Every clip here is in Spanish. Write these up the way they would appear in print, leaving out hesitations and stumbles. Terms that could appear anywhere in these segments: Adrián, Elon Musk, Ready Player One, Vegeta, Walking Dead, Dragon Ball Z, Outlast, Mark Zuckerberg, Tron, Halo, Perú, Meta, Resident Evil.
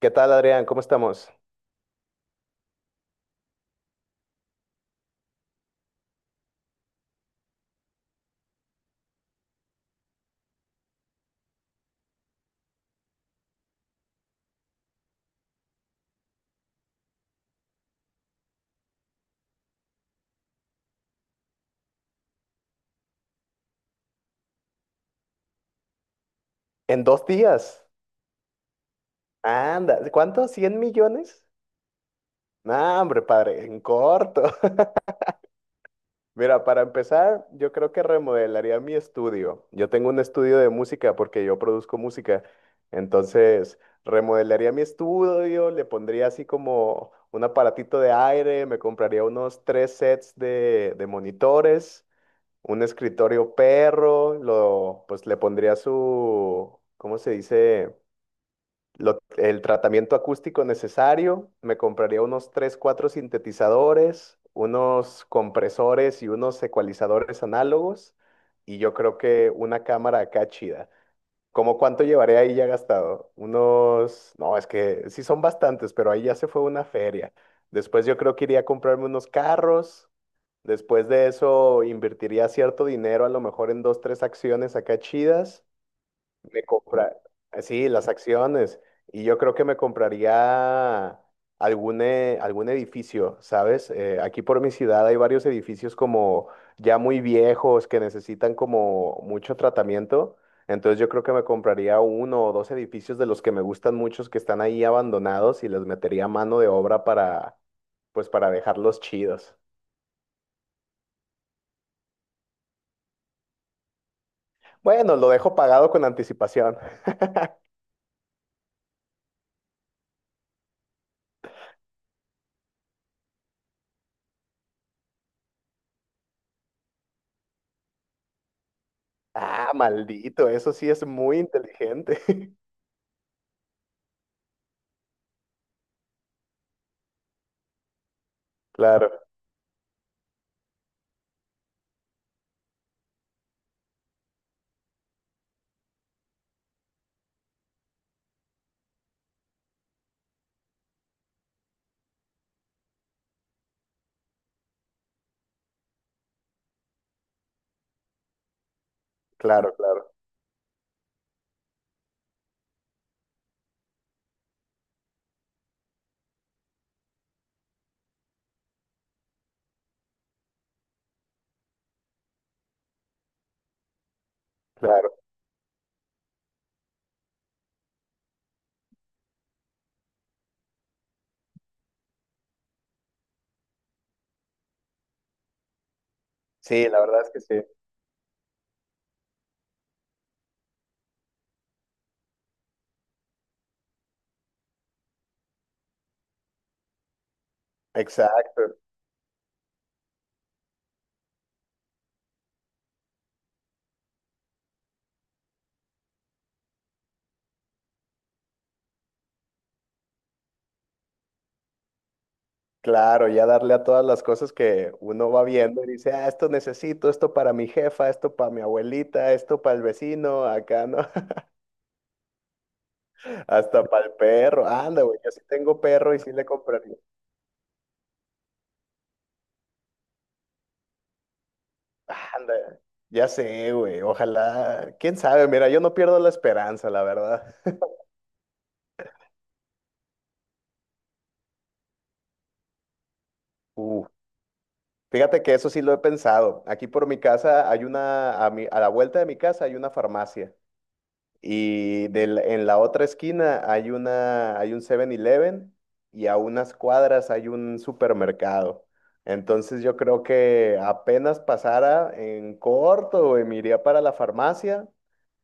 ¿Qué tal, Adrián? ¿Cómo estamos? En 2 días. Anda, ¿cuánto? ¿100 millones? No, hombre, padre, en corto. Mira, para empezar, yo creo que remodelaría mi estudio. Yo tengo un estudio de música porque yo produzco música. Entonces, remodelaría mi estudio, le pondría así como un aparatito de aire, me compraría unos tres sets de monitores, un escritorio perro, lo, pues le pondría su, ¿cómo se dice? El tratamiento acústico necesario, me compraría unos 3 4 sintetizadores, unos compresores y unos ecualizadores análogos, y yo creo que una cámara acá chida. ¿Cómo cuánto llevaré ahí ya gastado? Unos, no, es que sí son bastantes, pero ahí ya se fue una feria. Después yo creo que iría a comprarme unos carros. Después de eso invertiría cierto dinero, a lo mejor en dos, tres acciones acá chidas. Me compra, sí, las acciones. Y yo creo que me compraría algún edificio, ¿sabes? Aquí por mi ciudad hay varios edificios como ya muy viejos que necesitan como mucho tratamiento. Entonces yo creo que me compraría uno o dos edificios de los que me gustan muchos que están ahí abandonados y les metería mano de obra para, pues para dejarlos chidos. Bueno, lo dejo pagado. Claro, claro, claro. Sí, la verdad es que sí. Exacto. Claro, ya darle a todas las cosas que uno va viendo y dice, ah, esto necesito, esto para mi jefa, esto para mi abuelita, esto para el vecino, acá, ¿no? Hasta para el perro. Anda, güey, yo sí tengo perro y sí le compraría. Anda, ya sé, güey, ojalá. ¿Quién sabe? Mira, yo no pierdo la esperanza, la verdad. Uh, fíjate que eso sí lo he pensado. Aquí por mi casa hay una, a la vuelta de mi casa hay una farmacia. En la otra esquina hay una, hay un 7-Eleven y a unas cuadras hay un supermercado. Entonces yo creo que apenas pasara en corto, güey, me iría para la farmacia,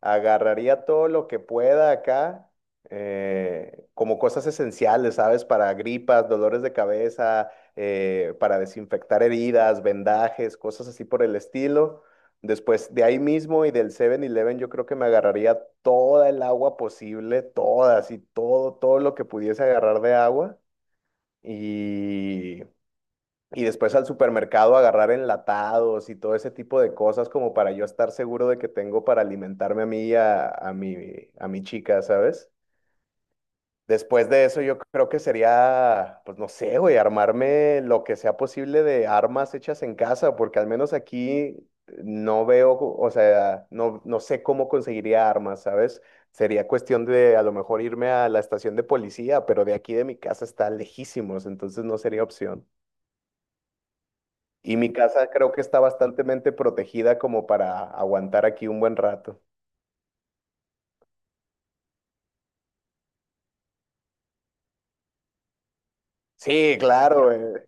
agarraría todo lo que pueda acá, como cosas esenciales, ¿sabes? Para gripas, dolores de cabeza, para desinfectar heridas, vendajes, cosas así por el estilo. Después de ahí mismo y del 7-Eleven yo creo que me agarraría toda el agua posible, toda, así, todo, todo lo que pudiese agarrar de agua. Y, y después al supermercado agarrar enlatados y todo ese tipo de cosas como para yo estar seguro de que tengo para alimentarme a mí y a, a mi chica, ¿sabes? Después de eso, yo creo que sería, pues no sé, güey, armarme lo que sea posible de armas hechas en casa, porque al menos aquí no veo, o sea, no sé cómo conseguiría armas, ¿sabes? Sería cuestión de a lo mejor irme a la estación de policía, pero de aquí de mi casa está lejísimos, entonces no sería opción. Y mi casa creo que está bastantemente protegida como para aguantar aquí un buen rato. Sí, claro, güey.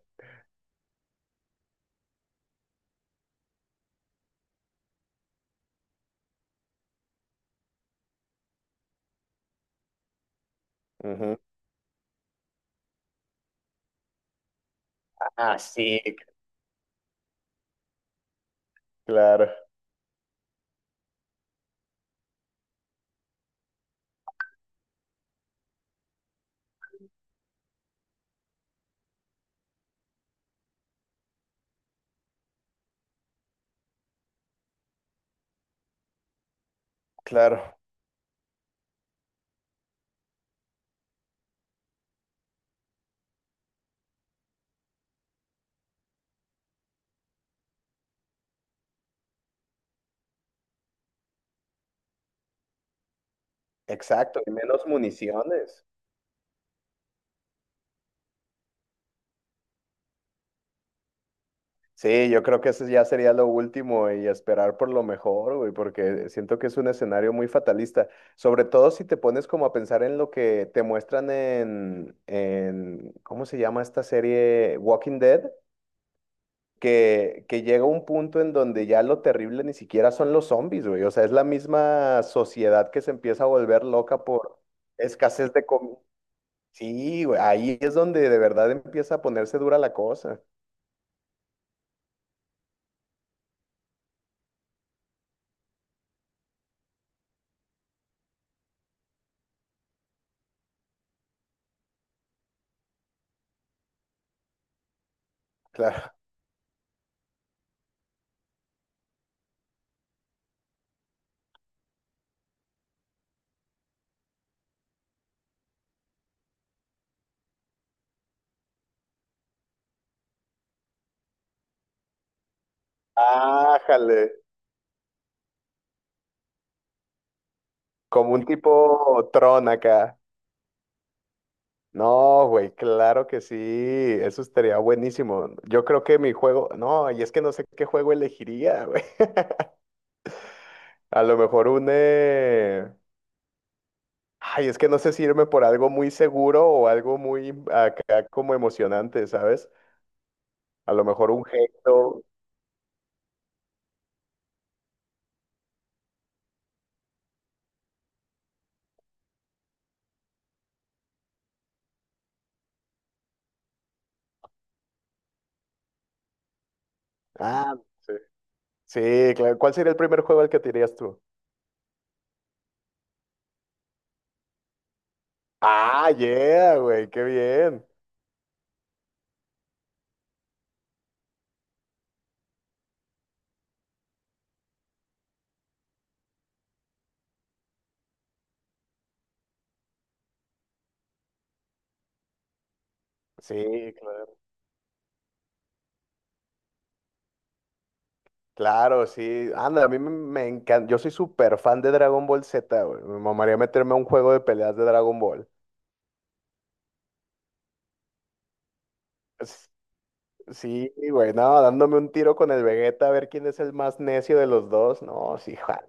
Ujú. Ah, sí, claro, claro. Exacto, y menos municiones. Sí, yo creo que eso ya sería lo último y esperar por lo mejor, güey, porque siento que es un escenario muy fatalista, sobre todo si te pones como a pensar en lo que te muestran en ¿cómo se llama esta serie? Walking Dead, que llega un punto en donde ya lo terrible ni siquiera son los zombies, güey, o sea, es la misma sociedad que se empieza a volver loca por escasez de comida. Sí, güey, ahí es donde de verdad empieza a ponerse dura la cosa. Claro. Ájale, como un tipo Tron acá. No, güey, claro que sí, eso estaría buenísimo. Yo creo que mi juego, no, y es que no sé qué juego elegiría, güey. A lo mejor ay, es que no sé si irme por algo muy seguro o algo muy acá como emocionante, ¿sabes? A lo mejor un Halo. Ah, sí. Sí, claro. ¿Cuál sería el primer juego al que te irías tú? Ah, yeah, güey, qué bien. Sí, claro. Claro, sí. Anda, a mí me, encanta. Yo soy súper fan de Dragon Ball Z, güey. Me mamaría meterme a un juego de peleas de Dragon Ball. S- Sí, güey, no, dándome un tiro con el Vegeta a ver quién es el más necio de los dos. No, sí, ja.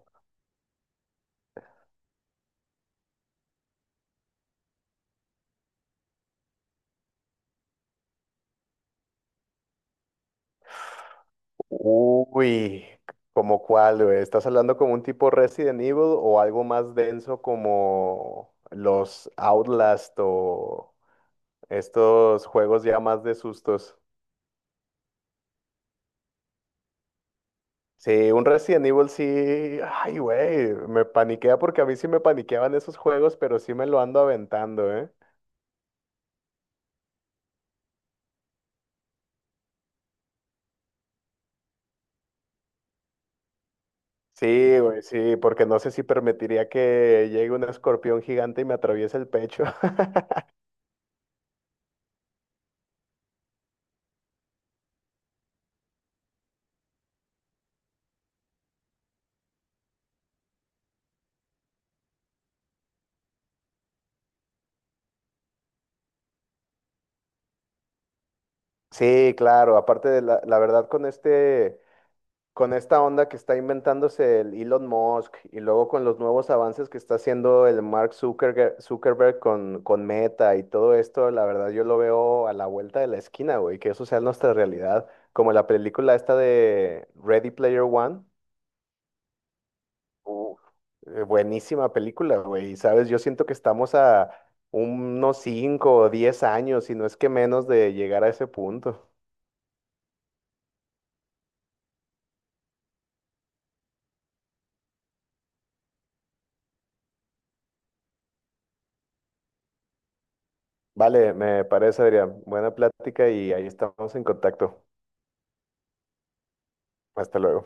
Uy, ¿como cuál, güey? ¿Estás hablando como un tipo Resident Evil o algo más denso como los Outlast o estos juegos ya más de sustos? Sí, un Resident Evil sí, ay, güey, me paniquea porque a mí sí me paniqueaban esos juegos, pero sí me lo ando aventando, ¿eh? Sí, güey, sí, porque no sé si permitiría que llegue un escorpión gigante y me atraviese el pecho. Sí, claro, aparte la verdad con este, con esta onda que está inventándose el Elon Musk y luego con los nuevos avances que está haciendo el Mark Zuckerge- Zuckerberg, con Meta y todo esto, la verdad yo lo veo a la vuelta de la esquina, güey, que eso sea nuestra realidad, como la película esta de Ready Player One. Uf, buenísima película, güey, y sabes, yo siento que estamos a unos 5 o 10 años, si no es que menos de llegar a ese punto. Vale, me parece, Adrián, buena plática y ahí estamos en contacto. Hasta luego.